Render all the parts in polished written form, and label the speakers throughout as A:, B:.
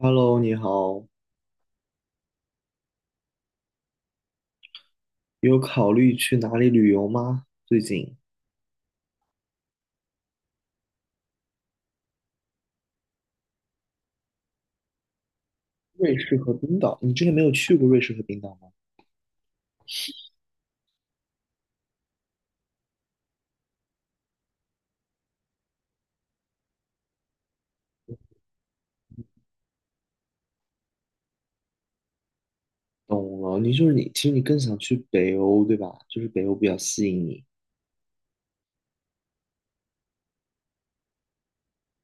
A: Hello，你好，有考虑去哪里旅游吗？最近瑞士和冰岛，你之前没有去过瑞士和冰岛吗？懂了，你就是你，其实你更想去北欧，对吧？就是北欧比较吸引你。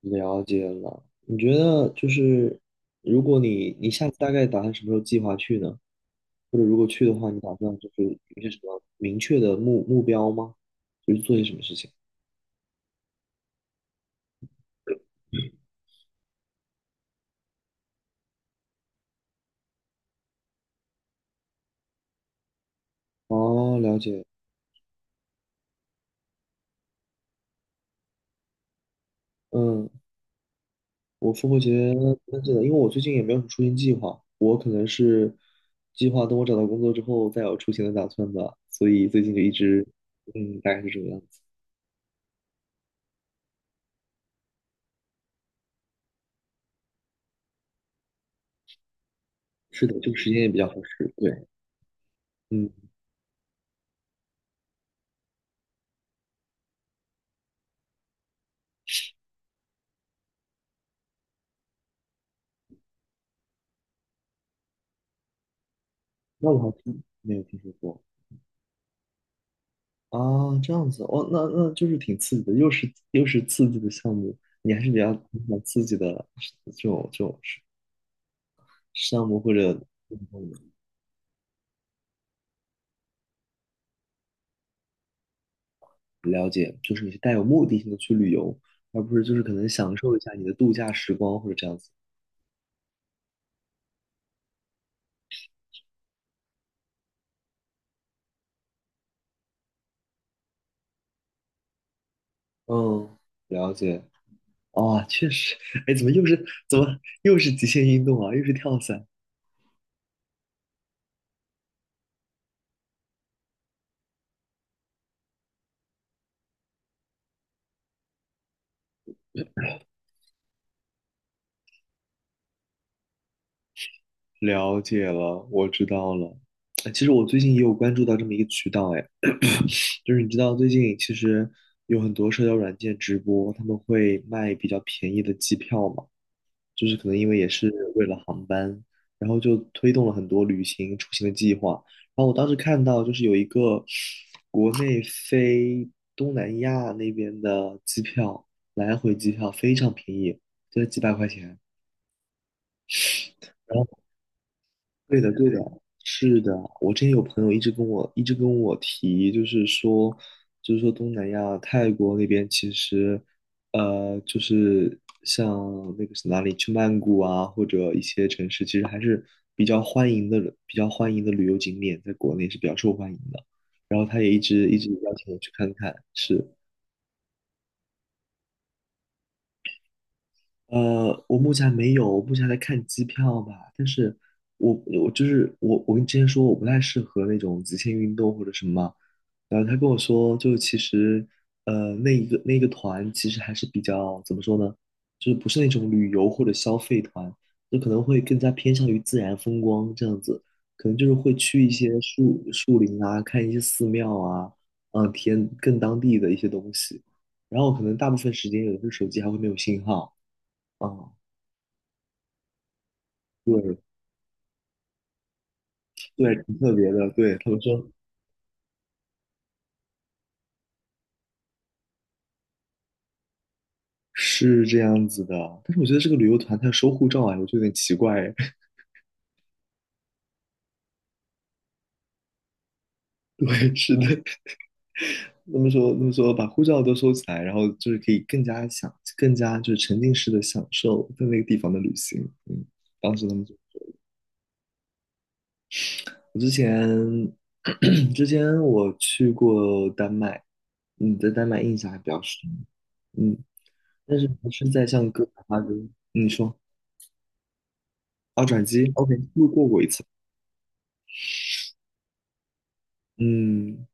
A: 了解了，你觉得就是如果你下次大概打算什么时候计划去呢？或者如果去的话，你打算就是有些什么明确的目标吗？就是做些什么事情？哦，了解，嗯，我复活节但是的，因为我最近也没有什么出行计划，我可能是计划等我找到工作之后再有出行的打算吧，所以最近就一直，嗯，大概是这个样子。是的，这个时间也比较合适。对，嗯，那我还真没有听说过啊，这样子哦，那就是挺刺激的，又是刺激的项目，你还是比较喜欢刺激的这种项目或者运动的。了解，就是你是带有目的性的去旅游，而不是就是可能享受一下你的度假时光或者这样子。嗯，了解。哦，确实，哎，怎么又是怎么又是极限运动啊？又是跳伞。了解了，我知道了。哎，其实我最近也有关注到这么一个渠道。哎，就是你知道最近其实有很多社交软件直播，他们会卖比较便宜的机票嘛。就是可能因为也是为了航班，然后就推动了很多旅行出行的计划。然后我当时看到就是有一个国内飞东南亚那边的机票，来回机票非常便宜，就在几百块钱。对的，对的，是的。我之前有朋友一直跟我提，就是说东南亚泰国那边其实，就是像那个是哪里，去曼谷啊，或者一些城市，其实还是比较欢迎的，比较欢迎的旅游景点，在国内是比较受欢迎的。然后他也一直邀请我去看看，是。我目前还没有，我目前还在看机票吧。但是我我就是我，我跟你之前说我不太适合那种极限运动或者什么嘛，然后他跟我说，就其实那一个团其实还是比较怎么说呢，就是不是那种旅游或者消费团，就可能会更加偏向于自然风光这样子，可能就是会去一些树林啊，看一些寺庙啊，嗯、体验更当地的一些东西。然后可能大部分时间有的时候手机还会没有信号。啊，对，对，挺特别的。对，他们说是这样子的，但是我觉得这个旅游团他要收护照啊，我觉得有点奇怪哎。 对，是的，他们说把护照都收起来，然后就是可以更加就是沉浸式的享受在那个地方的旅行。嗯，当时他们就，我之前 之前我去过丹麦，嗯，在丹麦印象还比较深。嗯，但是不是在像哥本哈根，嗯你说啊，转机，OK，路过过一次。嗯，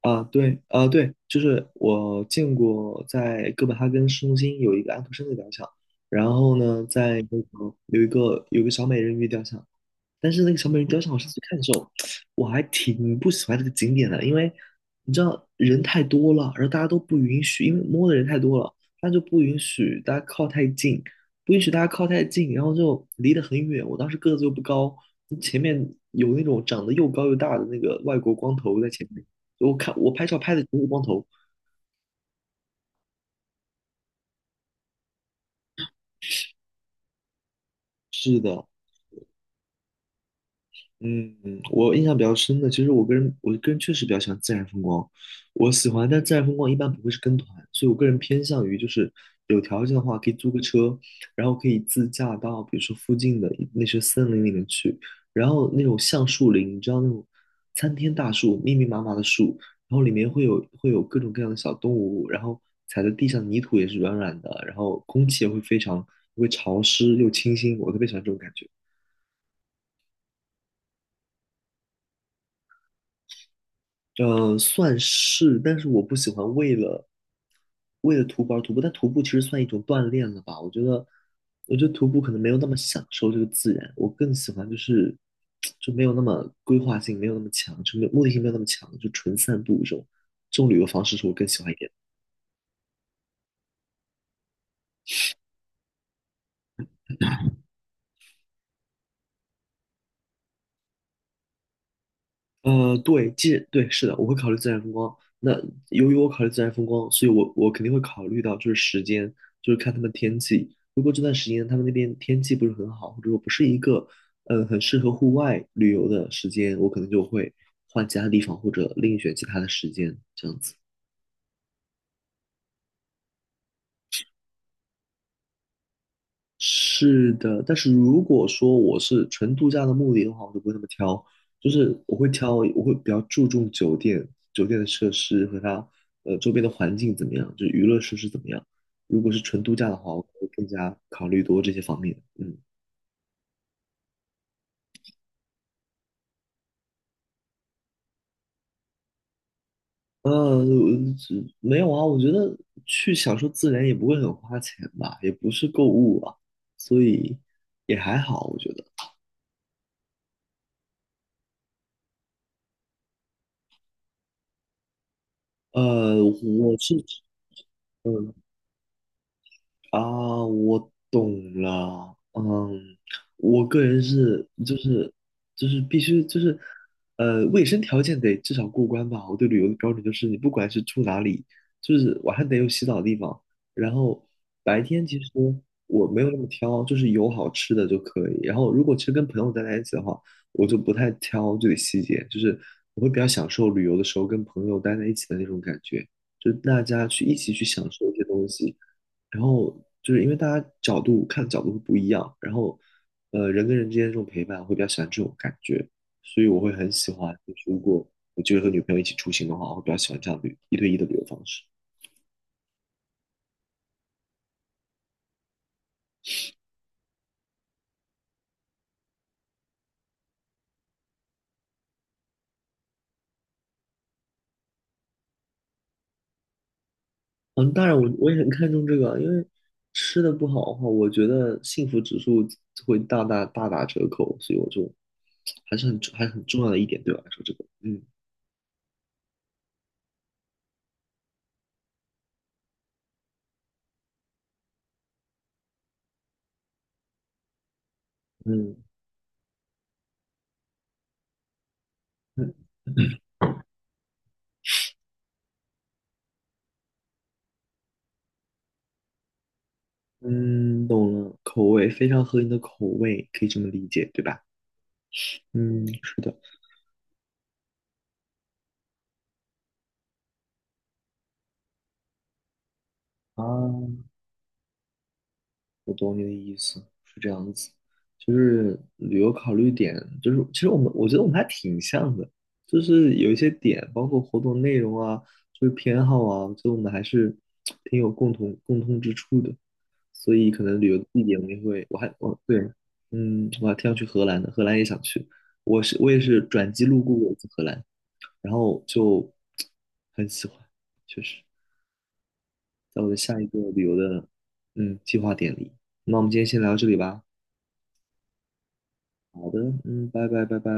A: 啊，对，啊，对，就是我见过在哥本哈根市中心有一个安徒生的雕像，然后呢，在那个有一个小美人鱼雕像，但是那个小美人雕像，我上次看的时候，我还挺不喜欢这个景点的，因为你知道人太多了，然后大家都不允许，因为摸的人太多了，他就不允许大家靠太近，然后就离得很远。我当时个子又不高，前面有那种长得又高又大的那个外国光头在前面，我看我拍照拍的全是光头。是的，嗯，我印象比较深的，其实我个人，我个人确实比较喜欢自然风光，我喜欢，但自然风光一般不会是跟团，所以我个人偏向于就是有条件的话，可以租个车，然后可以自驾到比如说附近的那些森林里面去，然后那种橡树林，你知道那种参天大树，密密麻麻的树，然后里面会有各种各样的小动物，然后踩在地上泥土也是软软的，然后空气也会非常会潮湿又清新，我特别喜欢这种感觉。算是，但是我不喜欢为了徒步而徒步，但徒步其实算一种锻炼了吧？我觉得，我觉得徒步可能没有那么享受这个自然，我更喜欢就是就没有那么规划性，没有那么强，就没有目的性没有那么强，就纯散步这种旅游方式是我更喜欢一点的。对，是的，我会考虑自然风光。那由于我考虑自然风光，所以我肯定会考虑到就是时间，就是看他们天气。如果这段时间他们那边天气不是很好，或者说不是一个很适合户外旅游的时间，我可能就会换其他地方或者另选其他的时间，这样子。是的，但是如果说我是纯度假的目的的话，我就不会那么挑，我会比较注重酒店，酒店的设施和它周边的环境怎么样，就是娱乐设施怎么样。如果是纯度假的话，我会更加考虑多这些方面。嗯，呃，这没有啊，我觉得去享受自然也不会很花钱吧，也不是购物啊，所以也还好，我觉得。我是，嗯。啊，我懂了。嗯，我个人是就是就是必须就是呃，卫生条件得至少过关吧。我对旅游的标准就是，你不管是住哪里，就是晚上得有洗澡的地方，然后白天其实我没有那么挑，就是有好吃的就可以。然后如果其实跟朋友待在一起的话，我就不太挑这个细节，就是我会比较享受旅游的时候跟朋友待在一起的那种感觉，就是大家去一起去享受一些东西。然后就是因为大家角度看角度会不一样，然后人跟人之间这种陪伴，会比较喜欢这种感觉，所以我会很喜欢，就是如果我就是和女朋友一起出行的话，我会比较喜欢这样的一对一的旅游方式。嗯，当然我也很看重这个，因为吃的不好的话，我觉得幸福指数会大大打折扣，所以我就还是很重要的一点对我来说，这个嗯嗯嗯嗯，懂了，口味非常合你的口味，可以这么理解，对吧？嗯，是的。啊，我懂你的意思，是这样子。旅游考虑点就是，其实我觉得我们还挺像的，就是有一些点，包括活动内容啊，就是偏好啊，我觉得我们还是挺有共通之处的。所以可能旅游地点我们也会，我还我对，嗯，我还挺想去荷兰的，荷兰也想去。我也是转机路过过一次荷兰，然后就很喜欢，确实。在我的下一个旅游的嗯计划点里。那我们今天先聊到这里吧。好的，嗯，拜拜。